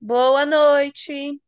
Boa noite,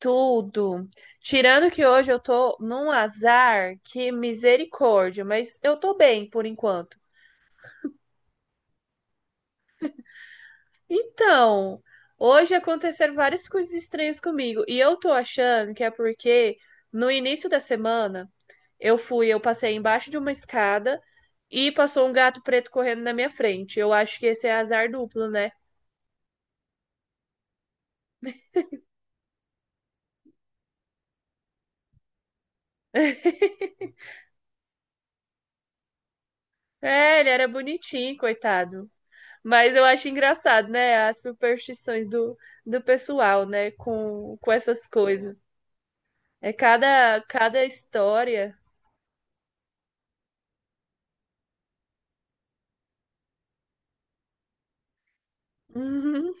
tudo. Tirando que hoje eu tô num azar, que misericórdia, mas eu tô bem por enquanto. Então, hoje aconteceram várias coisas estranhas comigo e eu tô achando que é porque no início da semana eu passei embaixo de uma escada e passou um gato preto correndo na minha frente. Eu acho que esse é azar duplo, né? É, ele era bonitinho, coitado. Mas eu acho engraçado, né? As superstições do pessoal, né? Com essas coisas. É cada história. Uhum,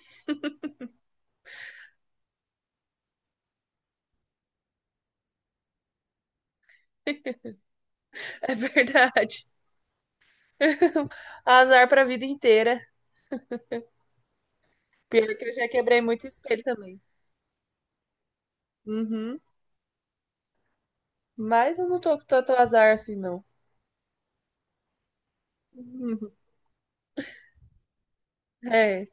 é verdade. Azar pra vida inteira. Pior que eu já quebrei muito espelho também. Uhum. Mas eu não tô com tanto azar assim, não. Uhum. É.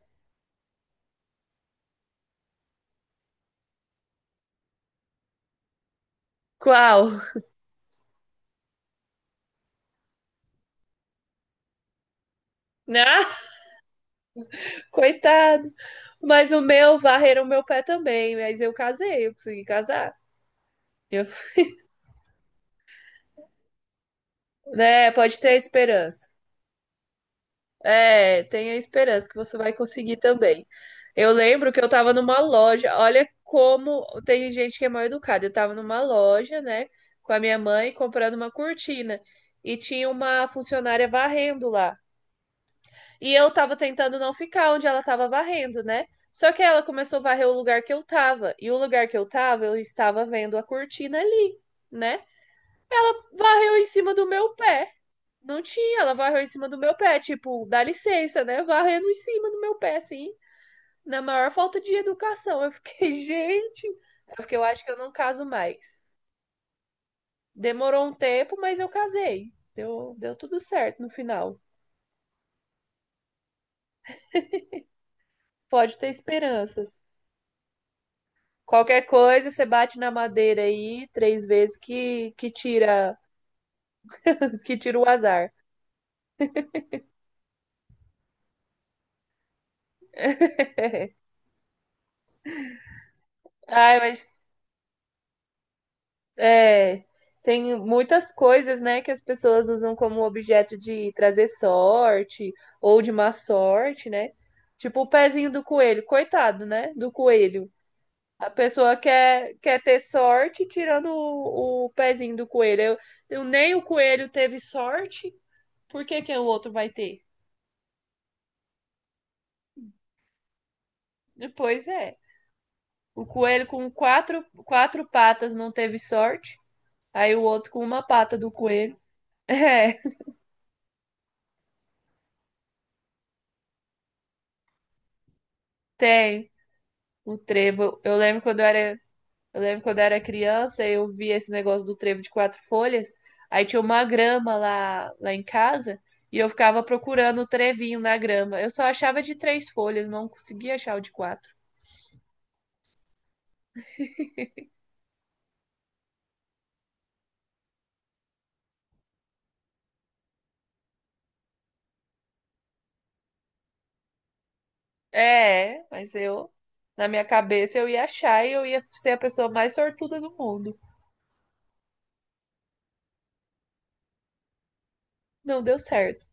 Qual? Ah, coitado. Mas o meu, varreram o meu pé também. Mas eu casei, eu consegui casar. Eu, né? Pode ter esperança. É, tenha esperança que você vai conseguir também. Eu lembro que eu tava numa loja, olha como tem gente que é mal educada. Eu tava numa loja, né, com a minha mãe comprando uma cortina e tinha uma funcionária varrendo lá. E eu tava tentando não ficar onde ela tava varrendo, né? Só que ela começou a varrer o lugar que eu tava. E o lugar que eu tava, eu estava vendo a cortina ali, né? Varreu em cima do meu pé. Não tinha, ela varreu em cima do meu pé, tipo, dá licença, né? Varrendo em cima do meu pé, assim, na maior falta de educação. Eu fiquei, gente, é porque eu acho que eu não caso mais. Demorou um tempo, mas eu casei. Deu, deu tudo certo no final. Pode ter esperanças. Qualquer coisa, você bate na madeira aí três vezes que tira o azar. Ai, mas é, tem muitas coisas, né, que as pessoas usam como objeto de trazer sorte ou de má sorte, né? Tipo o pezinho do coelho, coitado, né? Do coelho. A pessoa quer ter sorte tirando o pezinho do coelho. Nem o coelho teve sorte, por que que o outro vai ter? Pois é. O coelho com quatro patas não teve sorte, aí o outro com uma pata do coelho. É, tem. O trevo. Eu lembro quando eu era criança, eu vi esse negócio do trevo de quatro folhas. Aí tinha uma grama lá em casa e eu ficava procurando o trevinho na grama. Eu só achava de três folhas, não conseguia achar o de quatro. É, mas eu, na minha cabeça, eu ia achar e eu ia ser a pessoa mais sortuda do mundo. Não deu certo.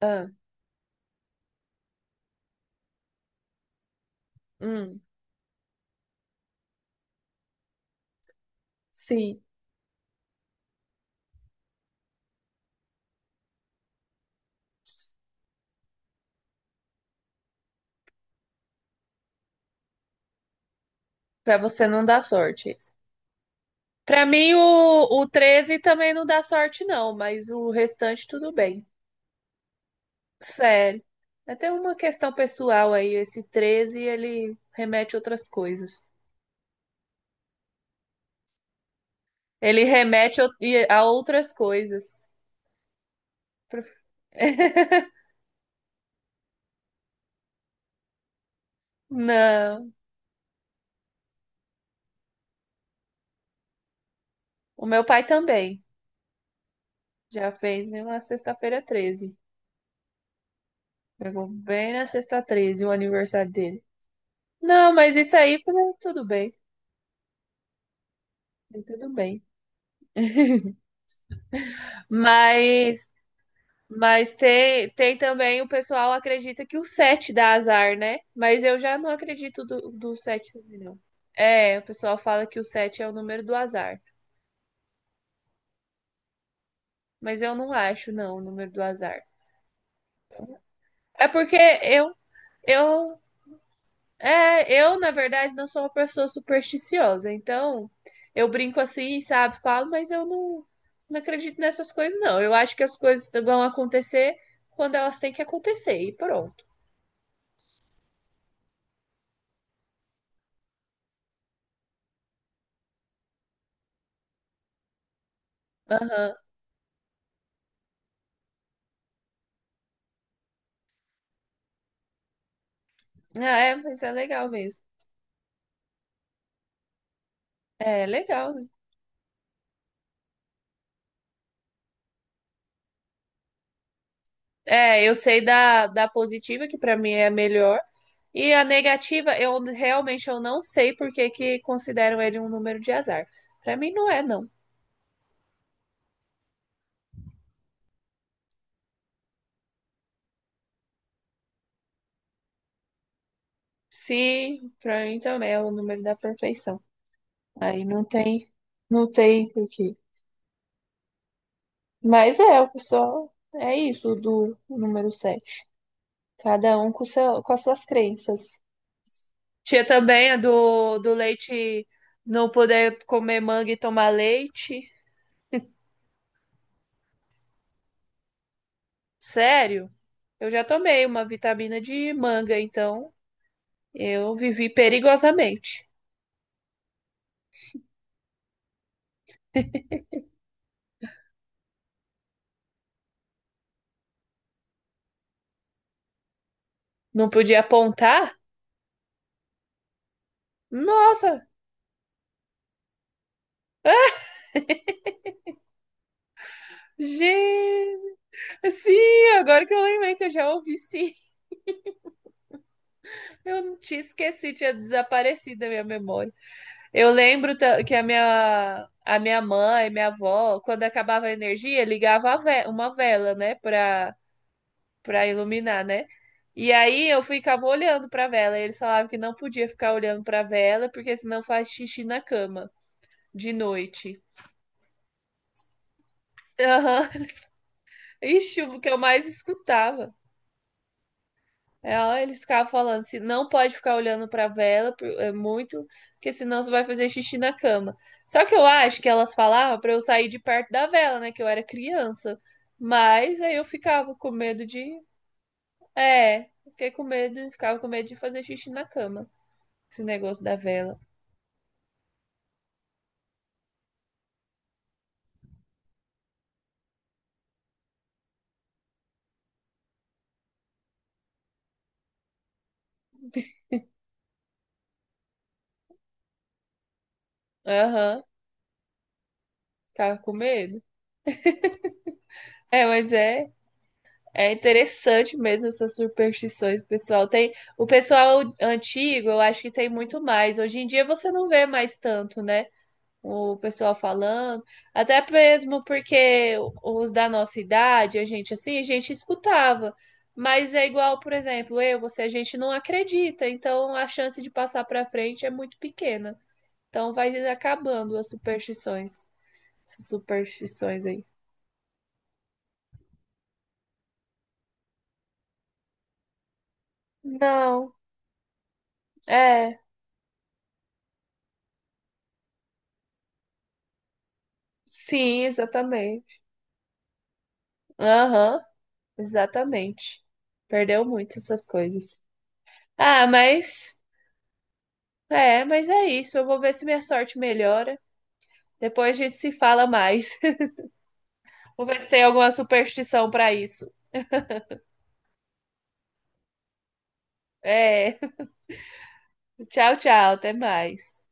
Ah, hum, sim, pra você não dar sorte. Isso. Pra mim, o 13 também não dá sorte, não, mas o restante tudo bem. Sério. É até uma questão pessoal aí, esse 13 ele remete a outras coisas. Ele remete a outras coisas. Pro- Não, o meu pai também já fez né, uma sexta-feira treze. Pegou bem na sexta 13 o aniversário dele. Não, mas isso aí né, tudo bem. Mas Mas tem, tem também o pessoal acredita que o 7 dá azar, né? Mas eu já não acredito do 7 também, não. É, o pessoal fala que o 7 é o número do azar. Mas eu não acho, não, o número do azar. É porque eu, eu, eu, na verdade, não sou uma pessoa supersticiosa. Então, eu brinco assim, sabe? Falo, mas eu não, não acredito nessas coisas, não. Eu acho que as coisas vão acontecer quando elas têm que acontecer, e pronto. Aham. Ah, é, mas é legal mesmo. É, legal, né? É, eu sei da positiva, que pra mim é a melhor, e a negativa, eu realmente eu não sei por que que consideram ele um número de azar. Pra mim não é, não. Sim, pra mim também é o número da perfeição. Aí não tem, não tem por. Mas é, o pessoal, é isso do número 7. Cada um com, seu, com as suas crenças. Tinha também a do leite, não poder comer manga e tomar leite. Sério? Eu já tomei uma vitamina de manga, então eu vivi perigosamente. Não podia apontar? Nossa! Ah, gente, sim, agora que eu lembrei que eu já ouvi sim, eu não tinha esquecido, tinha desaparecido da minha memória. Que a minha mãe, minha avó, quando acabava a energia, ligava uma vela, né, para para iluminar, né? E aí eu ficava olhando para vela. E eles falavam que não podia ficar olhando para vela porque senão faz xixi na cama de noite. Aham. Ixi, o que eu mais escutava. É, ó, eles ficavam falando, se não pode ficar olhando para vela é muito, porque senão você vai fazer xixi na cama. Só que eu acho que elas falavam para eu sair de perto da vela, né, que eu era criança. Mas aí eu ficava com medo de, ficava com medo de fazer xixi na cama. Esse negócio da vela. Aham, ficava com medo. É, mas é interessante mesmo essas superstições, pessoal. Tem o pessoal antigo, eu acho que tem muito mais. Hoje em dia você não vê mais tanto, né? O pessoal falando, até mesmo porque os da nossa idade, a gente assim, a gente escutava. Mas é igual, por exemplo, eu, você, a gente não acredita, então a chance de passar para frente é muito pequena. Então vai acabando as superstições. Essas superstições aí. Não, é. Sim, exatamente. Aham, exatamente. Perdeu muito essas coisas. Ah, mas. É, mas é isso. Eu vou ver se minha sorte melhora. Depois a gente se fala mais. Vou ver se tem alguma superstição pra isso. É. Tchau, tchau. Até mais.